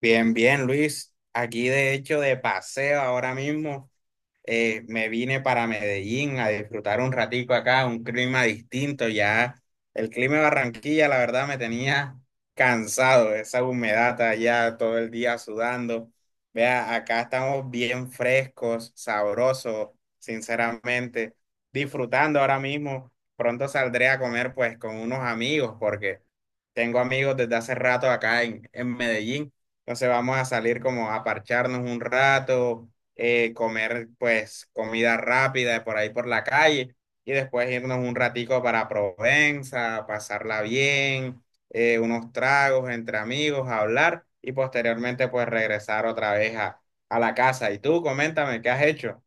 Bien, bien, Luis. Aquí de hecho de paseo ahora mismo, me vine para Medellín a disfrutar un ratico acá, un clima distinto, ya el clima de Barranquilla la verdad me tenía cansado, esa humedad allá todo el día sudando. Vea, acá estamos bien frescos, sabrosos, sinceramente, disfrutando ahora mismo. Pronto saldré a comer pues con unos amigos porque tengo amigos desde hace rato acá en Medellín. Entonces vamos a salir como a parcharnos un rato, comer pues comida rápida por ahí por la calle y después irnos un ratico para Provenza, pasarla bien, unos tragos entre amigos, hablar y posteriormente pues regresar otra vez a la casa. Y tú, coméntame, ¿qué has hecho?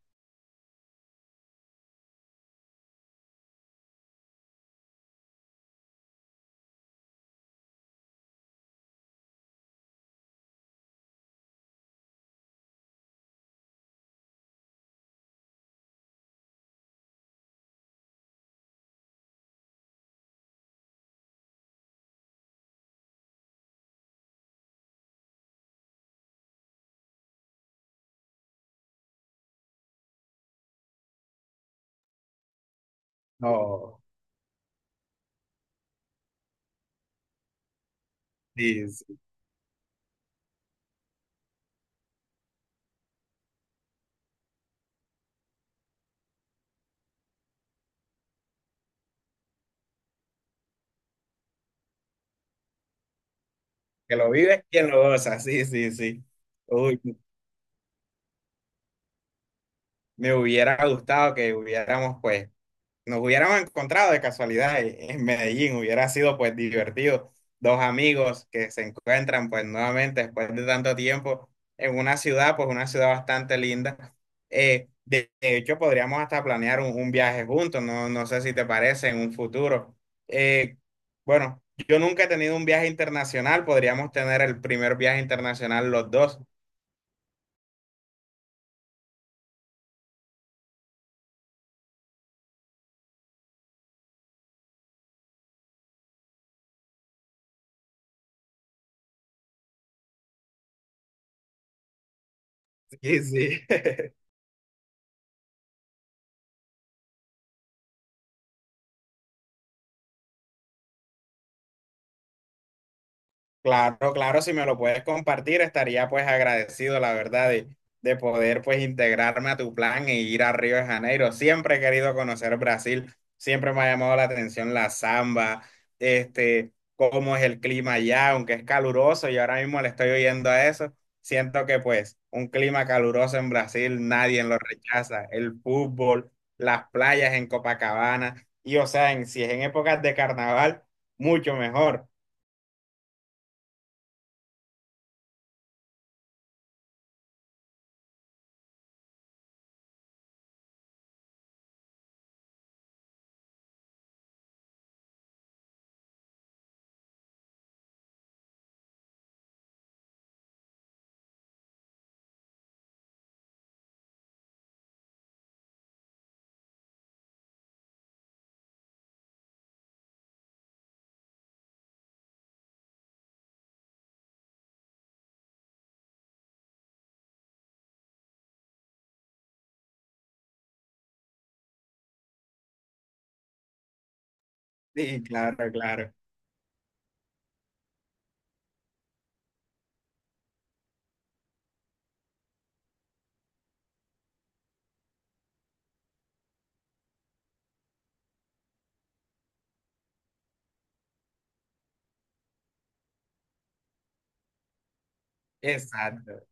No, sí, sí, que lo vives, quien lo goza, sí, sí, sí. Uy, me hubiera gustado que hubiéramos pues nos hubiéramos encontrado de casualidad en Medellín, hubiera sido pues divertido. Dos amigos que se encuentran pues nuevamente después de tanto tiempo en una ciudad, pues una ciudad bastante linda. De hecho, podríamos hasta planear un viaje juntos, no, no sé si te parece en un futuro. Eh, bueno, yo nunca he tenido un viaje internacional, podríamos tener el primer viaje internacional los dos. Sí, sí. Claro, claro, si me lo puedes compartir, estaría pues agradecido, la verdad, de poder pues integrarme a tu plan e ir a Río de Janeiro. Siempre he querido conocer Brasil, siempre me ha llamado la atención la samba, este, cómo es el clima allá, aunque es caluroso y ahora mismo le estoy oyendo a eso, siento que pues un clima caluroso en Brasil nadie lo rechaza, el fútbol, las playas en Copacabana y o sea, en, si es en épocas de carnaval, mucho mejor. Sí, claro, claro. Exacto,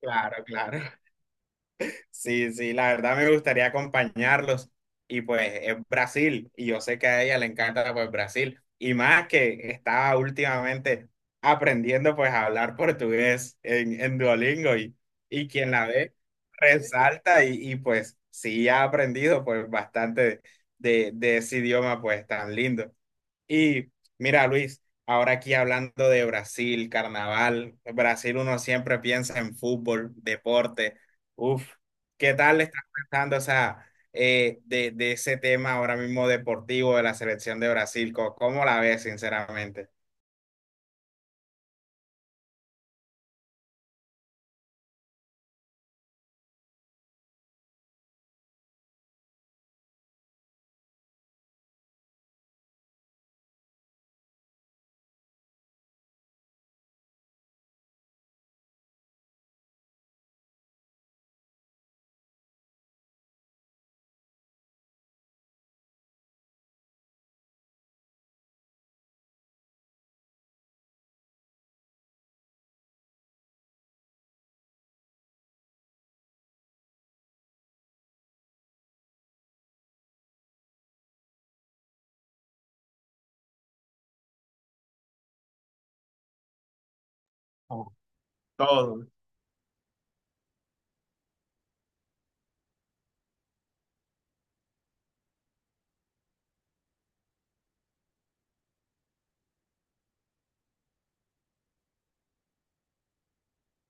claro, claro. Sí, sí, la verdad me gustaría acompañarlos. Y pues es Brasil, y yo sé que a ella le encanta pues Brasil. Y más que estaba últimamente aprendiendo pues a hablar portugués en Duolingo y quien la ve resalta y pues sí ha aprendido pues bastante de ese idioma pues tan lindo. Y mira, Luis, ahora aquí hablando de Brasil, carnaval, Brasil uno siempre piensa en fútbol, deporte. Uf, ¿qué tal estás pensando, o sea, de ese tema ahora mismo deportivo de la selección de Brasil? ¿Cómo, cómo la ves, sinceramente? Oh, todo.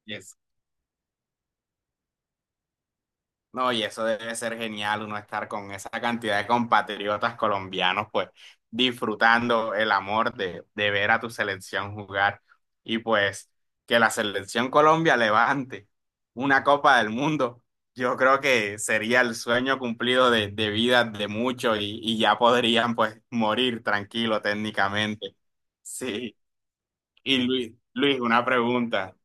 Yes. No, y eso debe ser genial, uno estar con esa cantidad de compatriotas colombianos, pues disfrutando el amor de ver a tu selección jugar y pues que la selección Colombia levante una Copa del Mundo, yo creo que sería el sueño cumplido de vida de muchos y ya podrían pues morir tranquilo técnicamente. Sí, y Luis, Luis, una pregunta.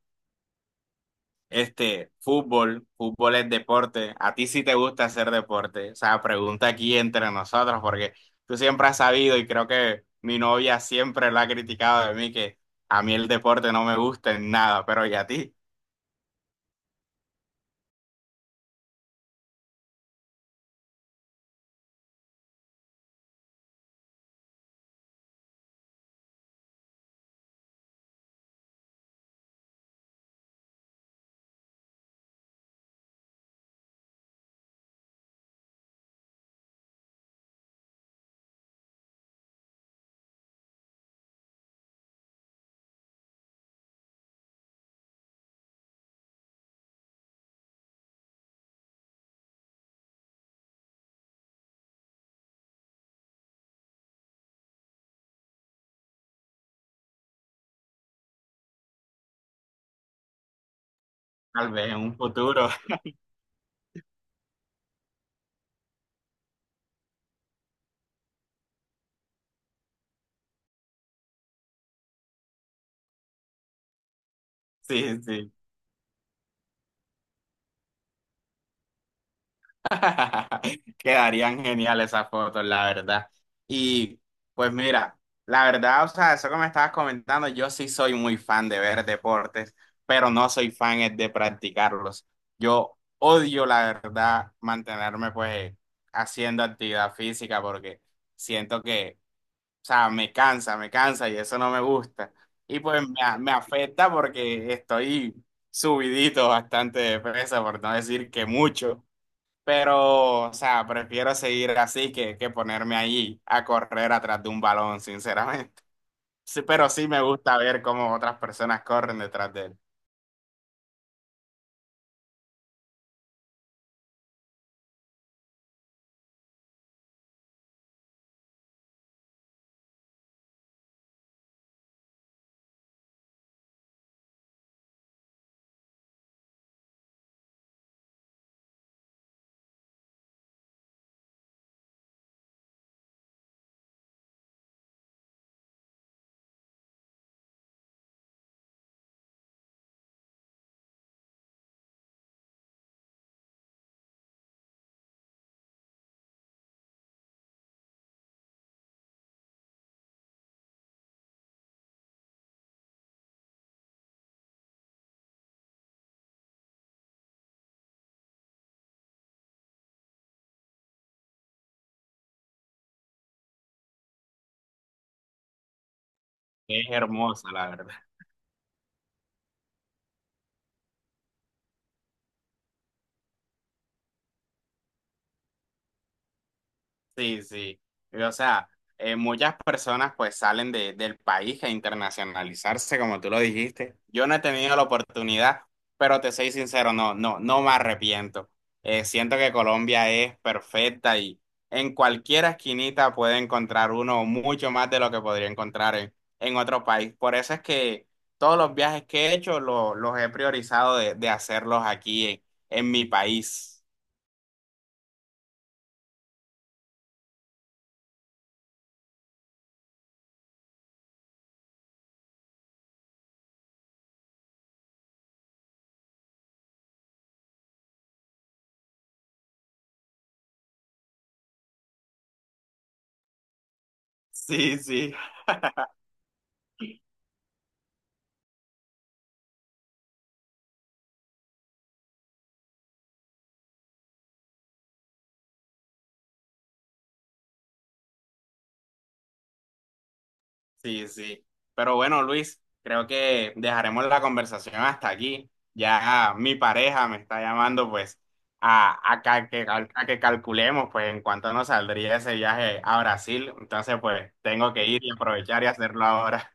Este, fútbol, fútbol es deporte. ¿A ti sí te gusta hacer deporte? O sea, pregunta aquí entre nosotros, porque tú siempre has sabido y creo que mi novia siempre lo ha criticado de mí, que a mí el deporte no me gusta en nada, pero ¿y a ti? Tal vez en un futuro. Sí, sí. Quedarían geniales esas fotos, la verdad. Y pues mira, la verdad, o sea, eso que me estabas comentando, yo sí soy muy fan de ver deportes, pero no soy fan es de practicarlos. Yo odio, la verdad, mantenerme pues haciendo actividad física porque siento que, o sea, me cansa y eso no me gusta. Y pues me, me afecta porque estoy subidito bastante de peso, por no decir que mucho. Pero, o sea, prefiero seguir así que ponerme allí a correr atrás de un balón, sinceramente. Sí, pero sí me gusta ver cómo otras personas corren detrás de él. Es hermoso, la verdad. Sí, sí. Y, o sea, muchas personas pues salen del país a internacionalizarse, como tú lo dijiste. Yo no he tenido la oportunidad, pero te soy sincero, no, no, no me arrepiento. Siento que Colombia es perfecta y en cualquier esquinita puede encontrar uno mucho más de lo que podría encontrar en otro país. Por eso es que todos los viajes que he hecho los he priorizado de hacerlos aquí en mi país. Sí, sí. Sí, sí. Pero bueno, Luis, creo que dejaremos la conversación hasta aquí. Ya mi pareja me está llamando pues a que calculemos pues en cuánto nos saldría ese viaje a Brasil. Entonces pues tengo que ir y aprovechar y hacerlo ahora.